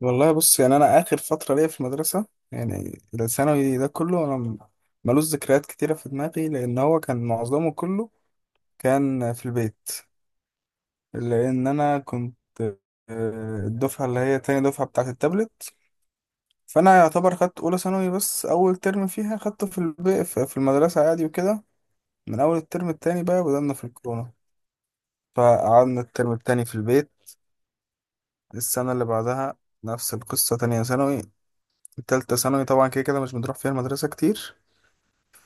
والله بص، يعني انا اخر فتره ليا في المدرسه، يعني الثانوي ده كله ملوش ذكريات كتيره في دماغي، لان هو كان معظمه كله كان في البيت. لان انا كنت الدفعه اللي هي تاني دفعه بتاعه التابلت، فانا يعتبر خدت اولى ثانوي، بس اول ترم فيها خدته في البيت، في المدرسه عادي وكده. من اول الترم التاني بقى بدأنا في الكورونا، فقعدنا الترم التاني في البيت. السنه اللي بعدها نفس القصه، تانية ثانوي. تالتة ثانوي طبعا كده كده مش بنروح فيها المدرسة كتير،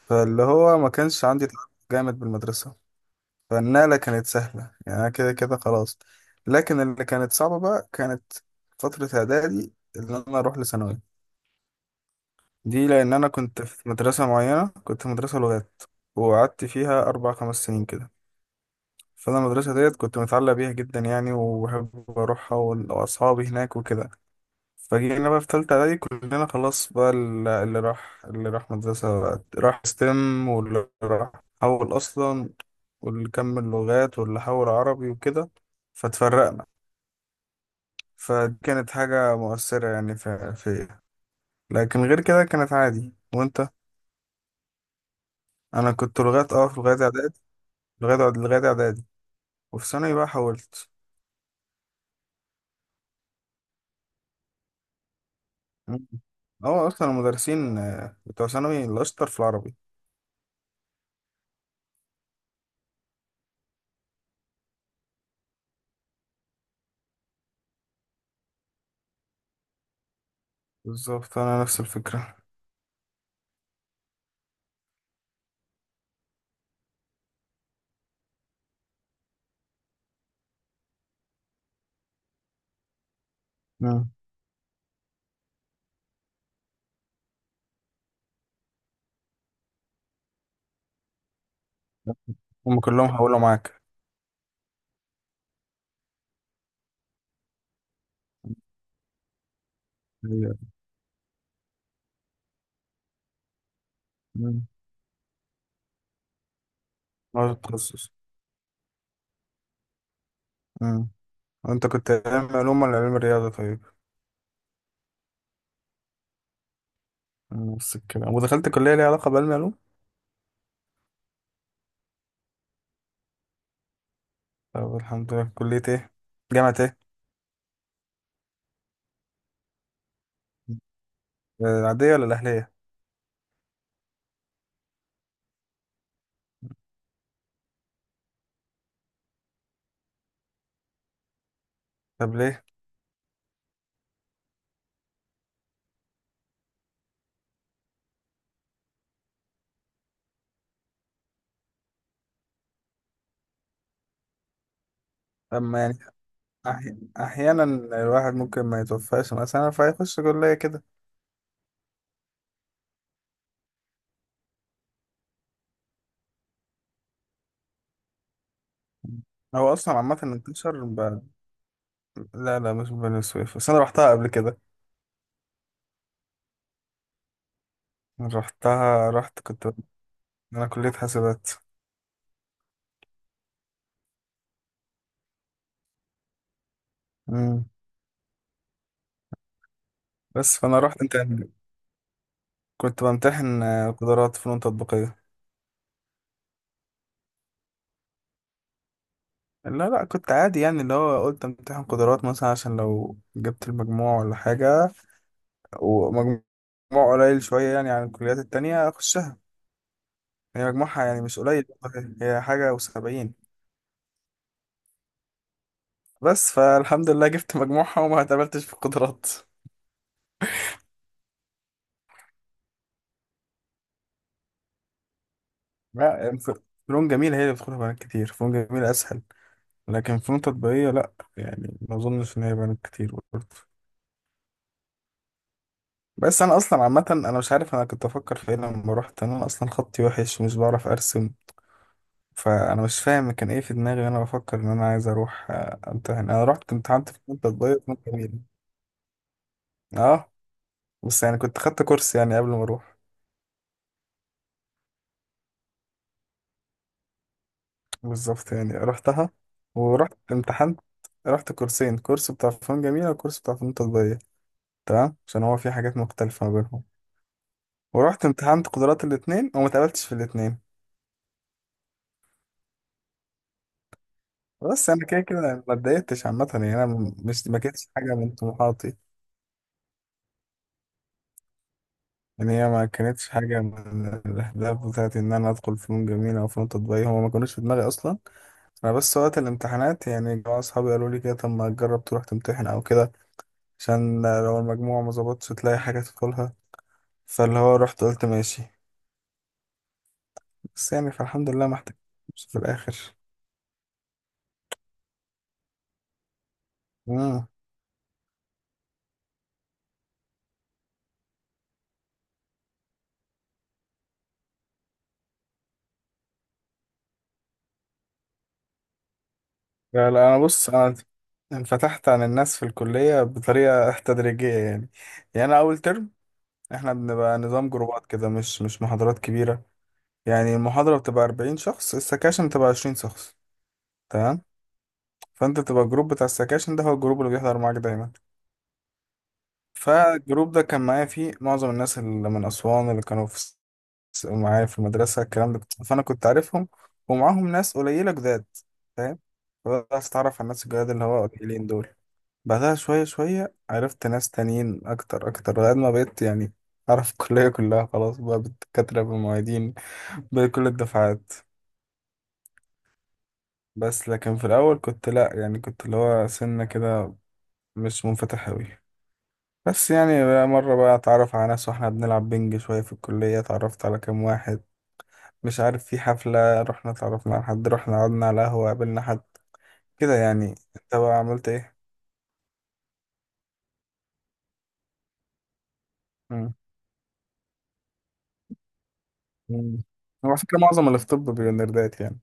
فاللي هو ما كانش عندي تعلق جامد بالمدرسة. فالنقلة كانت سهلة، يعني أنا كده كده خلاص. لكن اللي كانت صعبة بقى كانت فترة إعدادي اللي أنا أروح لثانوي. دي لأن أنا كنت في مدرسة معينة، كنت في مدرسة لغات، وقعدت فيها أربع خمس سنين كده. فأنا المدرسة ديت كنت متعلق بيها جدا يعني، وبحب أروحها، وأصحابي هناك وكده. فجينا بقى في تالتة إعدادي كلنا خلاص بقى، اللي راح، اللي راح مدرسة بقى راح ستيم، واللي راح حول أصلا، واللي كمل لغات، واللي حول عربي وكده. فاتفرقنا. فدي كانت حاجة مؤثرة يعني في فيا. لكن غير كده كانت عادي. وأنت أنا كنت لغات، أه في لغاية إعدادي. لغاية إعدادي، وفي ثانوي بقى حولت. مم. هو أصلا المدرسين بتوع ثانوي الأشطر في العربي. بالظبط أنا نفس الفكرة. مم. هم كلهم حولوا معاك؟ ايوه. مم. ناقص التخصص. مم. انت كنت علم علوم ولا علم رياضة طيب؟ نفس الكلام، ودخلت كلية ليها علاقة بعلم علوم. طب الحمد لله، كلية ايه؟ جامعة ايه؟ العادية ولا الأهلية؟ طب ليه؟ أما يعني أحيانا الواحد ممكن ما يتوفاش مثلا فيخش كلية كده. هو أصلا عامة انتشر. لا لا، مش بني سويف، بس أنا رحتها قبل كده. رحتها رحت كنت. أنا كلية حاسبات. مم. بس فأنا رحت أنت يعني، كنت بمتحن قدرات فنون تطبيقية. لا لا، كنت عادي، يعني اللي هو قلت امتحن قدرات مثلا عشان لو جبت المجموع ولا حاجة، ومجموع قليل شوية يعني عن الكليات التانية أخشها. هي مجموعها يعني مش قليل، هي حاجة وسبعين. بس فالحمد لله جبت مجموعها وما اتقبلتش في القدرات. لا. فنون جميلة هي اللي بتدخلها بنات كتير، فنون جميلة أسهل. لكن فنون تطبيقية لأ، يعني ما أظنش إن هي بنات كتير برضه. بس أنا أصلا عامة أنا مش عارف أنا كنت أفكر في إيه لما روحت، أنا أصلا خطي وحش ومش بعرف أرسم. فانا مش فاهم كان ايه في دماغي وانا بفكر ان انا عايز اروح امتحن. انا رحت كنت امتحنت في ماده تضيق في ماده جميله. اه، بس يعني كنت خدت كورس يعني قبل ما اروح. بالظبط، يعني رحتها ورحت امتحنت. رحت كورسين، كورس بتاع فنون جميله وكورس بتاع فنون تطبيقيه، تمام، عشان هو في حاجات مختلفه ما بينهم. ورحت امتحنت قدرات الاثنين، وما اتقبلتش في الاثنين. بس انا كده كده ما اتضايقتش عامه، يعني انا مش، ما كانتش حاجه من طموحاتي، ان هي ما كانتش حاجه من الاهداف بتاعتي ان انا ادخل فنون جميله او فنون تطبيقيه، هما ما كانوش في دماغي اصلا. انا بس وقت الامتحانات يعني جماعه اصحابي قالوا لي كده، طب ما تجرب تروح تمتحن او كده، عشان لو المجموع ما ظبطش تلاقي حاجه تدخلها. فاللي هو رحت قلت ماشي. بس يعني فالحمد لله ما احتجتش في الاخر. امم. لا لا، انا بص، انا انفتحت عن الناس في الكليه بطريقه تدريجيه يعني. يعني انا اول ترم، احنا بنبقى نظام جروبات كده، مش محاضرات كبيره. يعني المحاضرة بتبقى 40 شخص، السكاشن بتبقى 20 شخص، تمام. فانت بتبقى الجروب بتاع السكاشن ده هو الجروب اللي بيحضر معاك دايما. فالجروب ده كان معايا فيه معظم الناس اللي من أسوان، اللي كانوا في معايا في المدرسة، الكلام ده فأنا كنت عارفهم. ومعاهم ناس قليلة جداد، فاهم؟ فبدأت أتعرف على الناس الجداد اللي هو قليلين دول. بعدها شوية شوية عرفت ناس تانيين أكتر أكتر، لغاية ما بقيت يعني أعرف الكلية كلها خلاص بقى، بالدكاترة بالمعيدين، بكل الدفعات. بس لكن في الأول كنت لأ، يعني كنت اللي هو سنة كده مش منفتح أوي. بس يعني بقى مرة بقى أتعرف على ناس وإحنا بنلعب بنج شوية في الكلية، اتعرفت على كام واحد، مش عارف، في حفلة رحنا اتعرفنا على حد، رحنا قعدنا على قهوة قابلنا حد، كده يعني. أنت بقى عملت إيه؟ مم. مم. هو على فكرة معظم اللي في طب بيبقوا نيردات يعني.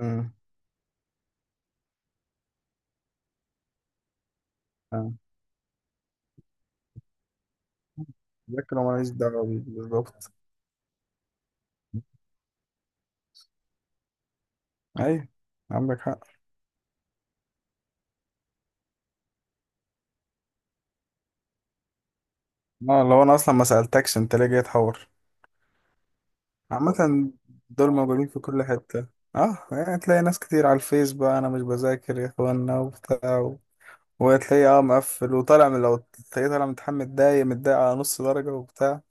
امم. آه. لكن هو ماليش دعوة بيه بالظبط. أيوة، عندك حق. اه، لو أنا أصلا ما سألتكش أنت ليه جاي تحور؟ عامة دول موجودين في كل حتة. اه، يعني تلاقي ناس كتير على الفيس بقى، انا مش بذاكر يا اخوانا وبتاع وتلاقيه اه مقفل وطالع من لو، تلاقيه طالع متحمل، متضايق متضايق على نص درجة وبتاع.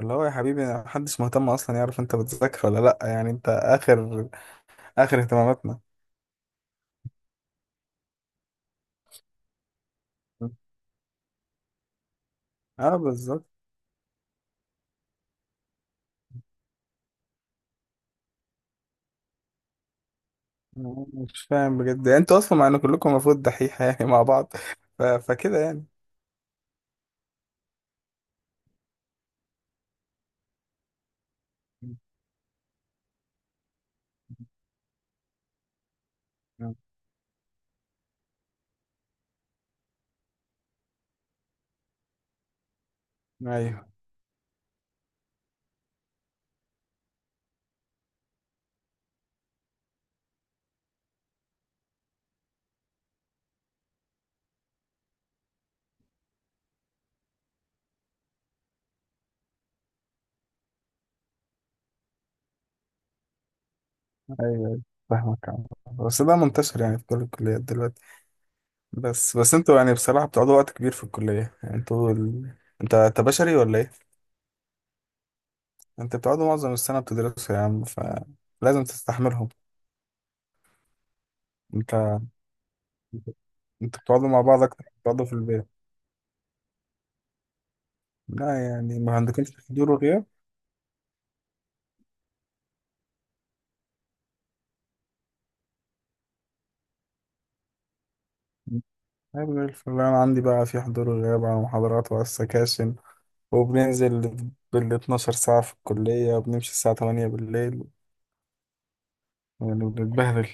اللي هو يا حبيبي محدش مهتم اصلا يعرف انت بتذاكر ولا لأ، يعني انت اخر، اخر اهتماماتنا. اه بالظبط. مش فاهم بجد، انتوا اصلا مع ان كلكم المفروض دحيحة يعني مع بعض، فكده يعني. ايوه ايوه. أيوة. فاهمك عم. بس ده منتشر يعني في كل الكليات دلوقتي. بس انتوا يعني بصراحة بتقعدوا وقت كبير في الكلية، يعني انت بشري ولا ايه؟ انت بتقعدوا معظم السنة بتدرسوا يا عم، فلازم تستحملهم. انت انت بتقعدوا مع بعض اكتر ما بتقعدوا في البيت. لا، يعني ما عندكمش حضور وغياب؟ طيب زي الفل، انا عندي بقى في حضور وغياب على محاضرات وعلى السكاشن، وبننزل بال 12 ساعة في الكلية، وبنمشي الساعة 8 بالليل. يعني بنتبهدل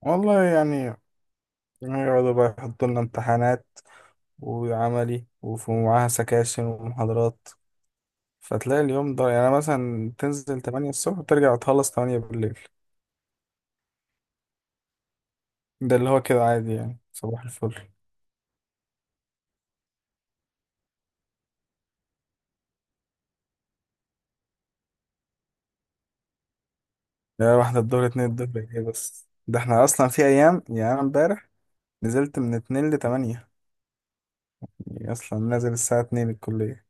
والله يعني. يقعدوا بقى يحطوا لنا امتحانات وعملي، ومعاها سكاشن ومحاضرات. فتلاقي اليوم ده يعني مثلا تنزل تمانية الصبح وترجع تخلص تمانية بالليل. ده اللي هو كده عادي يعني، صباح الفل. يعني واحدة الظهر اتنين الظهر ايه؟ بس ده احنا أصلا في أيام، يعني أنا امبارح نزلت من اتنين لتمانية، يعني أصلا نازل الساعة اتنين الكلية.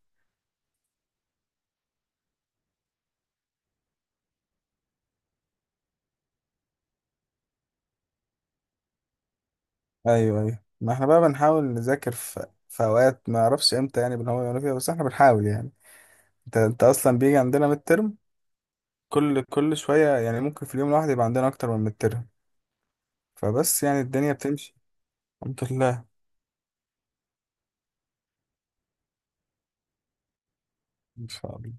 أيوه أيوه، ما احنا بقى بنحاول نذاكر في أوقات ما أعرفش إمتى يعني، بنحاول نعمل فيها، بس احنا بنحاول يعني. انت أصلا بيجي عندنا ميد ترم كل شوية، يعني ممكن في اليوم الواحد يبقى عندنا أكتر من ميد ترم، فبس يعني الدنيا بتمشي الحمد لله. ان شاء الله.